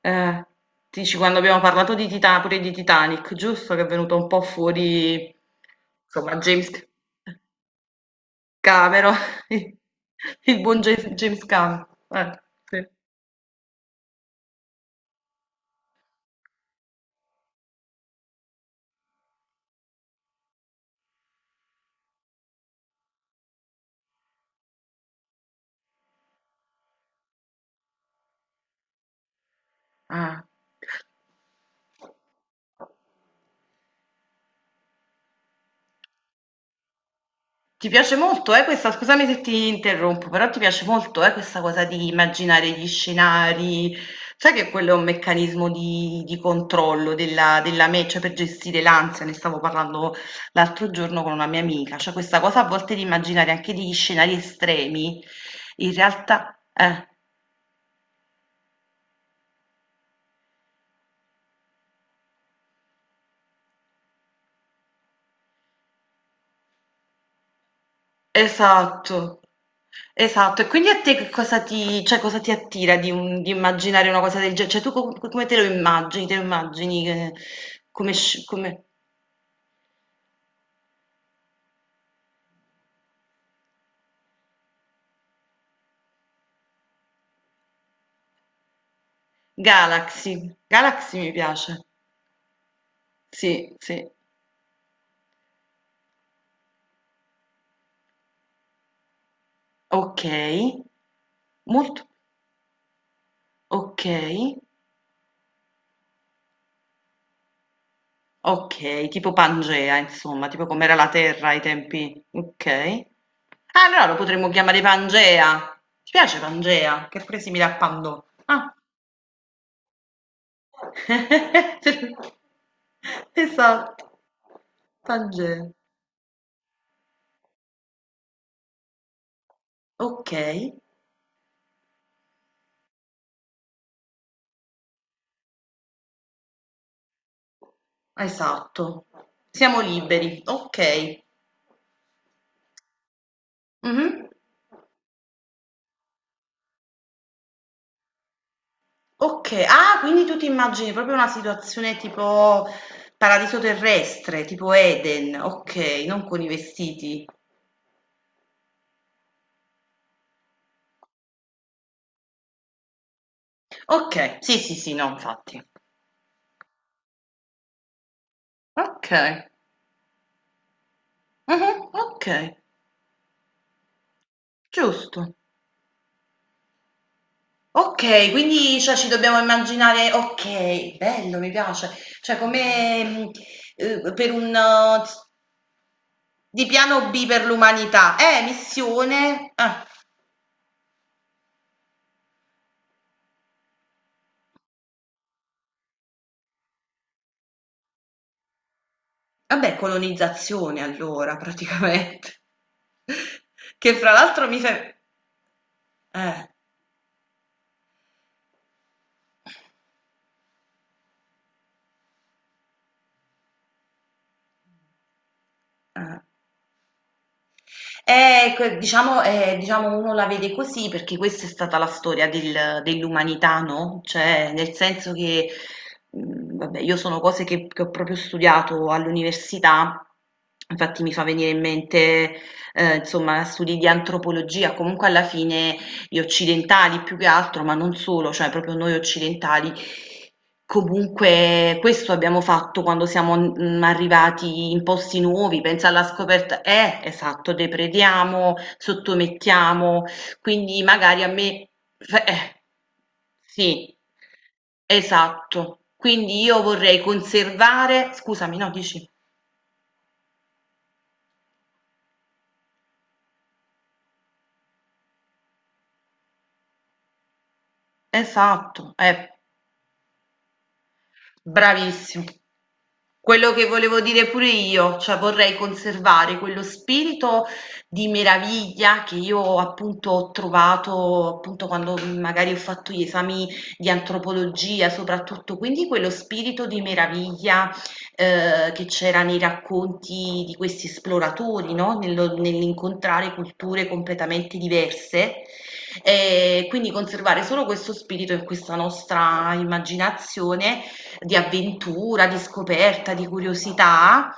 Eh, Dici quando abbiamo parlato di pure di Titanic, giusto? Che è venuto un po' fuori, insomma, James Cameron, il buon James Cameron. Sì. Ah. Ti piace molto, questa, scusami se ti interrompo, però ti piace molto, questa cosa di immaginare gli scenari. Sai che quello è un meccanismo di controllo della, della me, cioè per gestire l'ansia, ne stavo parlando l'altro giorno con una mia amica, cioè questa cosa a volte di immaginare anche degli scenari estremi, in realtà, eh. Esatto, esatto. E quindi a te che cosa ti, cioè, cosa ti attira di, di immaginare una cosa del genere? Cioè, tu come te lo immagini? Te lo immagini come, come... Galaxy? Galaxy mi piace. Sì, sì. Ok. Molto. Ok. Ok, tipo Pangea, insomma, tipo com'era la Terra ai tempi. Ok. Ah, allora lo potremmo chiamare Pangea. Ti piace Pangea? Che è pure simile a Pandora. Ah. Esatto, Tange, okay, esatto. Siamo liberi, okay. Mh-mh. Okay, ah quindi tu ti immagini proprio una situazione tipo paradiso terrestre, tipo Eden, okay, non con i vestiti. Okay, sì, sì, sì, no infatti. Okay, mh-mh, okay, giusto. Okay, quindi cioè ci dobbiamo immaginare, okay, bello, mi piace. Cioè come, per un s di piano B per l'umanità. Missione ah, vabbè, colonizzazione allora praticamente. Che fra l'altro mi fai eh, eh. Diciamo, diciamo uno la vede così perché questa è stata la storia dell'umanità, no? Cioè, nel senso che, vabbè, io sono cose che ho proprio studiato all'università, infatti mi fa venire in mente, insomma, studi di antropologia, comunque alla fine gli occidentali più che altro, ma non solo, cioè proprio noi occidentali. Comunque questo abbiamo fatto quando siamo arrivati in posti nuovi, pensa alla scoperta, esatto, deprediamo, sottomettiamo, quindi magari a me, eh, sì, esatto, quindi io vorrei conservare, scusami, no, dici, esatto, eh. Bravissimo. Quello che volevo dire pure io, cioè vorrei conservare quello spirito di meraviglia che io appunto ho trovato appunto quando magari ho fatto gli esami di antropologia, soprattutto, quindi quello spirito di meraviglia che c'era nei racconti di questi esploratori, no? Nell'incontrare culture completamente diverse. E quindi conservare solo questo spirito in questa nostra immaginazione di avventura, di scoperta, di curiosità,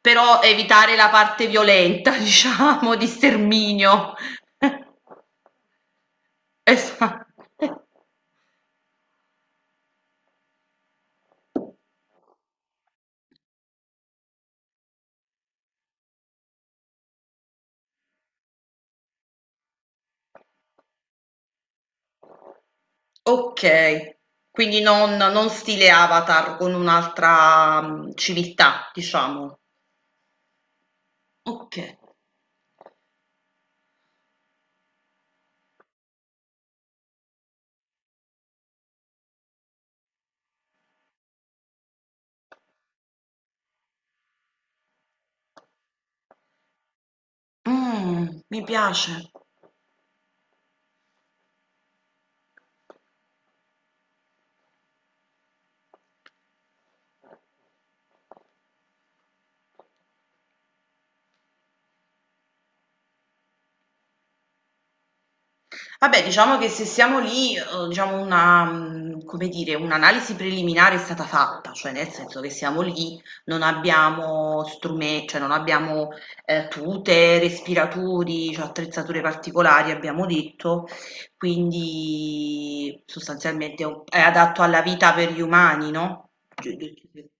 però evitare la parte violenta, diciamo, di sterminio. Esatto. Ok, quindi non, non stile Avatar con un'altra civiltà, diciamo. Ok, mm, mi piace. Vabbè, diciamo che se siamo lì, diciamo una, come dire, un'analisi preliminare è stata fatta, cioè nel senso che siamo lì, non abbiamo strumenti, cioè non abbiamo tute, respiratori, cioè attrezzature particolari, abbiamo detto, quindi sostanzialmente è è adatto alla vita per gli umani, no? Gi- gi-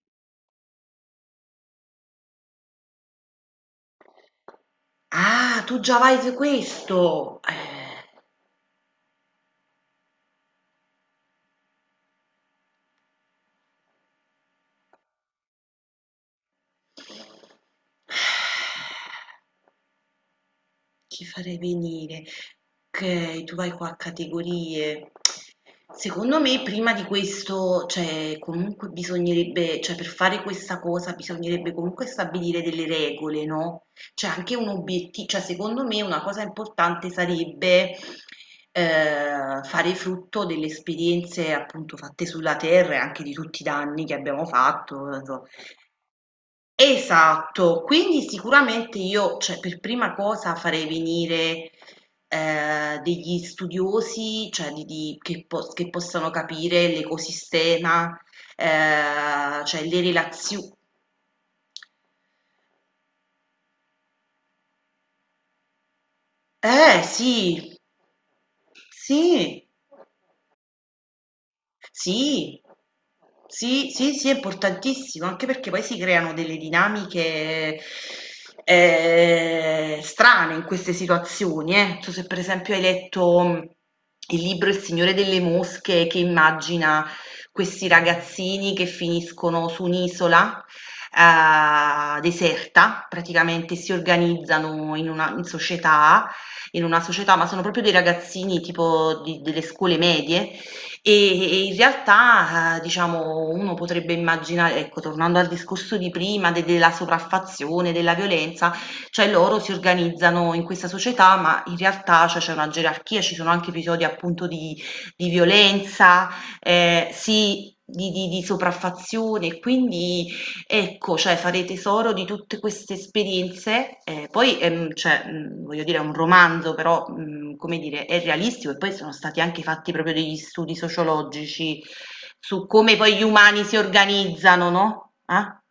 Ah, tu già vai su questo! Chi farei venire? Okay, tu vai qua a categorie. Secondo me prima di questo, cioè comunque bisognerebbe, cioè per fare questa cosa bisognerebbe comunque stabilire delle regole, no? Cioè anche un obiettivo, cioè secondo me una cosa importante sarebbe fare frutto delle esperienze appunto fatte sulla terra e anche di tutti i danni che abbiamo fatto, insomma. Esatto, quindi sicuramente io, cioè, per prima cosa farei venire degli studiosi, cioè, che, che possano capire l'ecosistema, cioè le relazioni. Eh sì, sì. Sì, sì, sì, sì, è importantissimo, anche perché poi si creano delle dinamiche strane in queste situazioni. Eh. Non so se per esempio hai letto il libro Il Signore delle Mosche, che immagina questi ragazzini che finiscono su un'isola deserta, praticamente si organizzano in una in società, in una società, ma sono proprio dei ragazzini tipo delle scuole medie, e in realtà, diciamo, uno potrebbe immaginare, ecco, tornando al discorso di prima, della sopraffazione, della violenza, cioè loro si organizzano in questa società, ma in realtà, cioè, c'è una gerarchia, ci sono anche episodi appunto di violenza, sì, di sopraffazione, quindi. Ecco, cioè fare tesoro di tutte queste esperienze, poi, cioè, voglio dire è un romanzo però, come dire, è realistico e poi sono stati anche fatti proprio degli studi sociologici su come poi gli umani si organizzano, no, ah,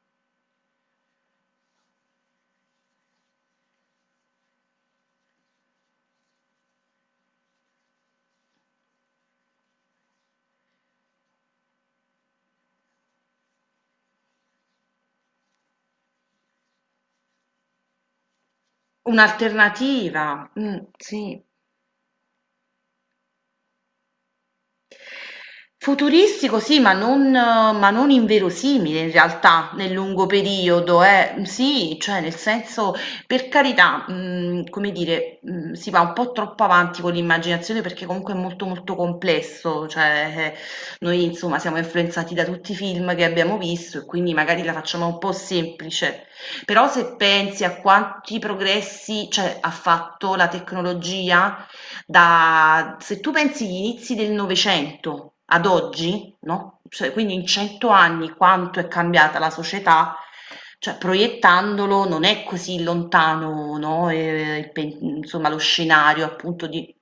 un'alternativa. Sì. Futuristico sì, ma non, ma non inverosimile in realtà nel lungo periodo, eh. Sì, cioè nel senso, per carità, come dire, si va un po' troppo avanti con l'immaginazione perché comunque è molto, molto complesso, cioè, noi insomma siamo influenzati da tutti i film che abbiamo visto e quindi magari la facciamo un po' semplice. Però se pensi a quanti progressi, cioè, ha fatto la tecnologia da se tu pensi gli inizi del Novecento ad oggi, no, cioè quindi in 100 anni quanto è cambiata la società, cioè proiettandolo non è così lontano, no, il insomma lo scenario appunto di...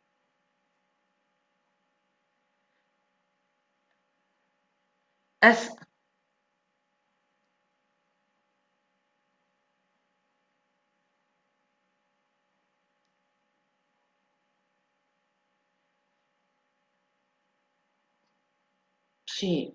Eh, s- sì,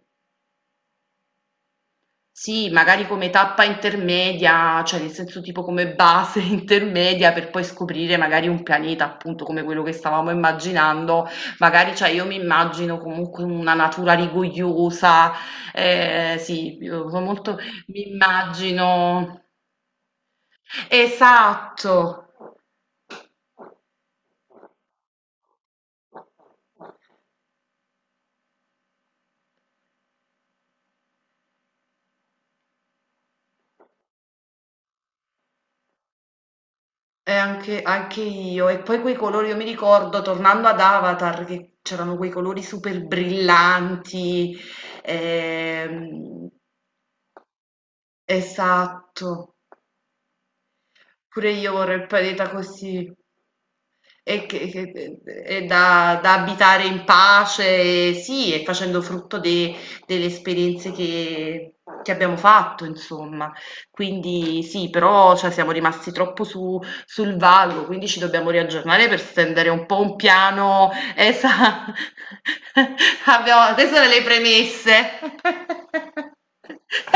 sì, magari come tappa intermedia, cioè nel senso tipo come base intermedia per poi scoprire magari un pianeta, appunto come quello che stavamo immaginando, magari cioè io mi immagino comunque una natura rigogliosa, sì, io sono molto, mi immagino, esatto. E anche, anche io, e poi quei colori, io mi ricordo tornando ad Avatar che c'erano quei colori super brillanti, ehm, esatto, pure io vorrei il pianeta così. E che, e da, da abitare in pace, e sì, e facendo frutto delle esperienze che abbiamo fatto, insomma. Quindi sì, però cioè, siamo rimasti troppo sul vago, quindi ci dobbiamo riaggiornare per stendere un po' un piano. Esatto. Abbiamo, queste sono le premesse.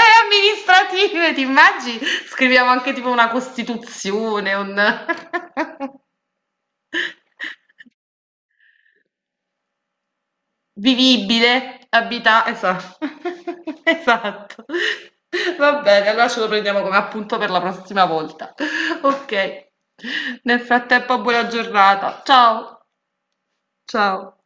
E amministrative, ti immagini? Scriviamo anche tipo una costituzione, un... Vivibile, abita esa esatto. Va bene, allora ce lo prendiamo come appunto per la prossima volta. Ok. Nel frattempo buona giornata. Ciao, ciao.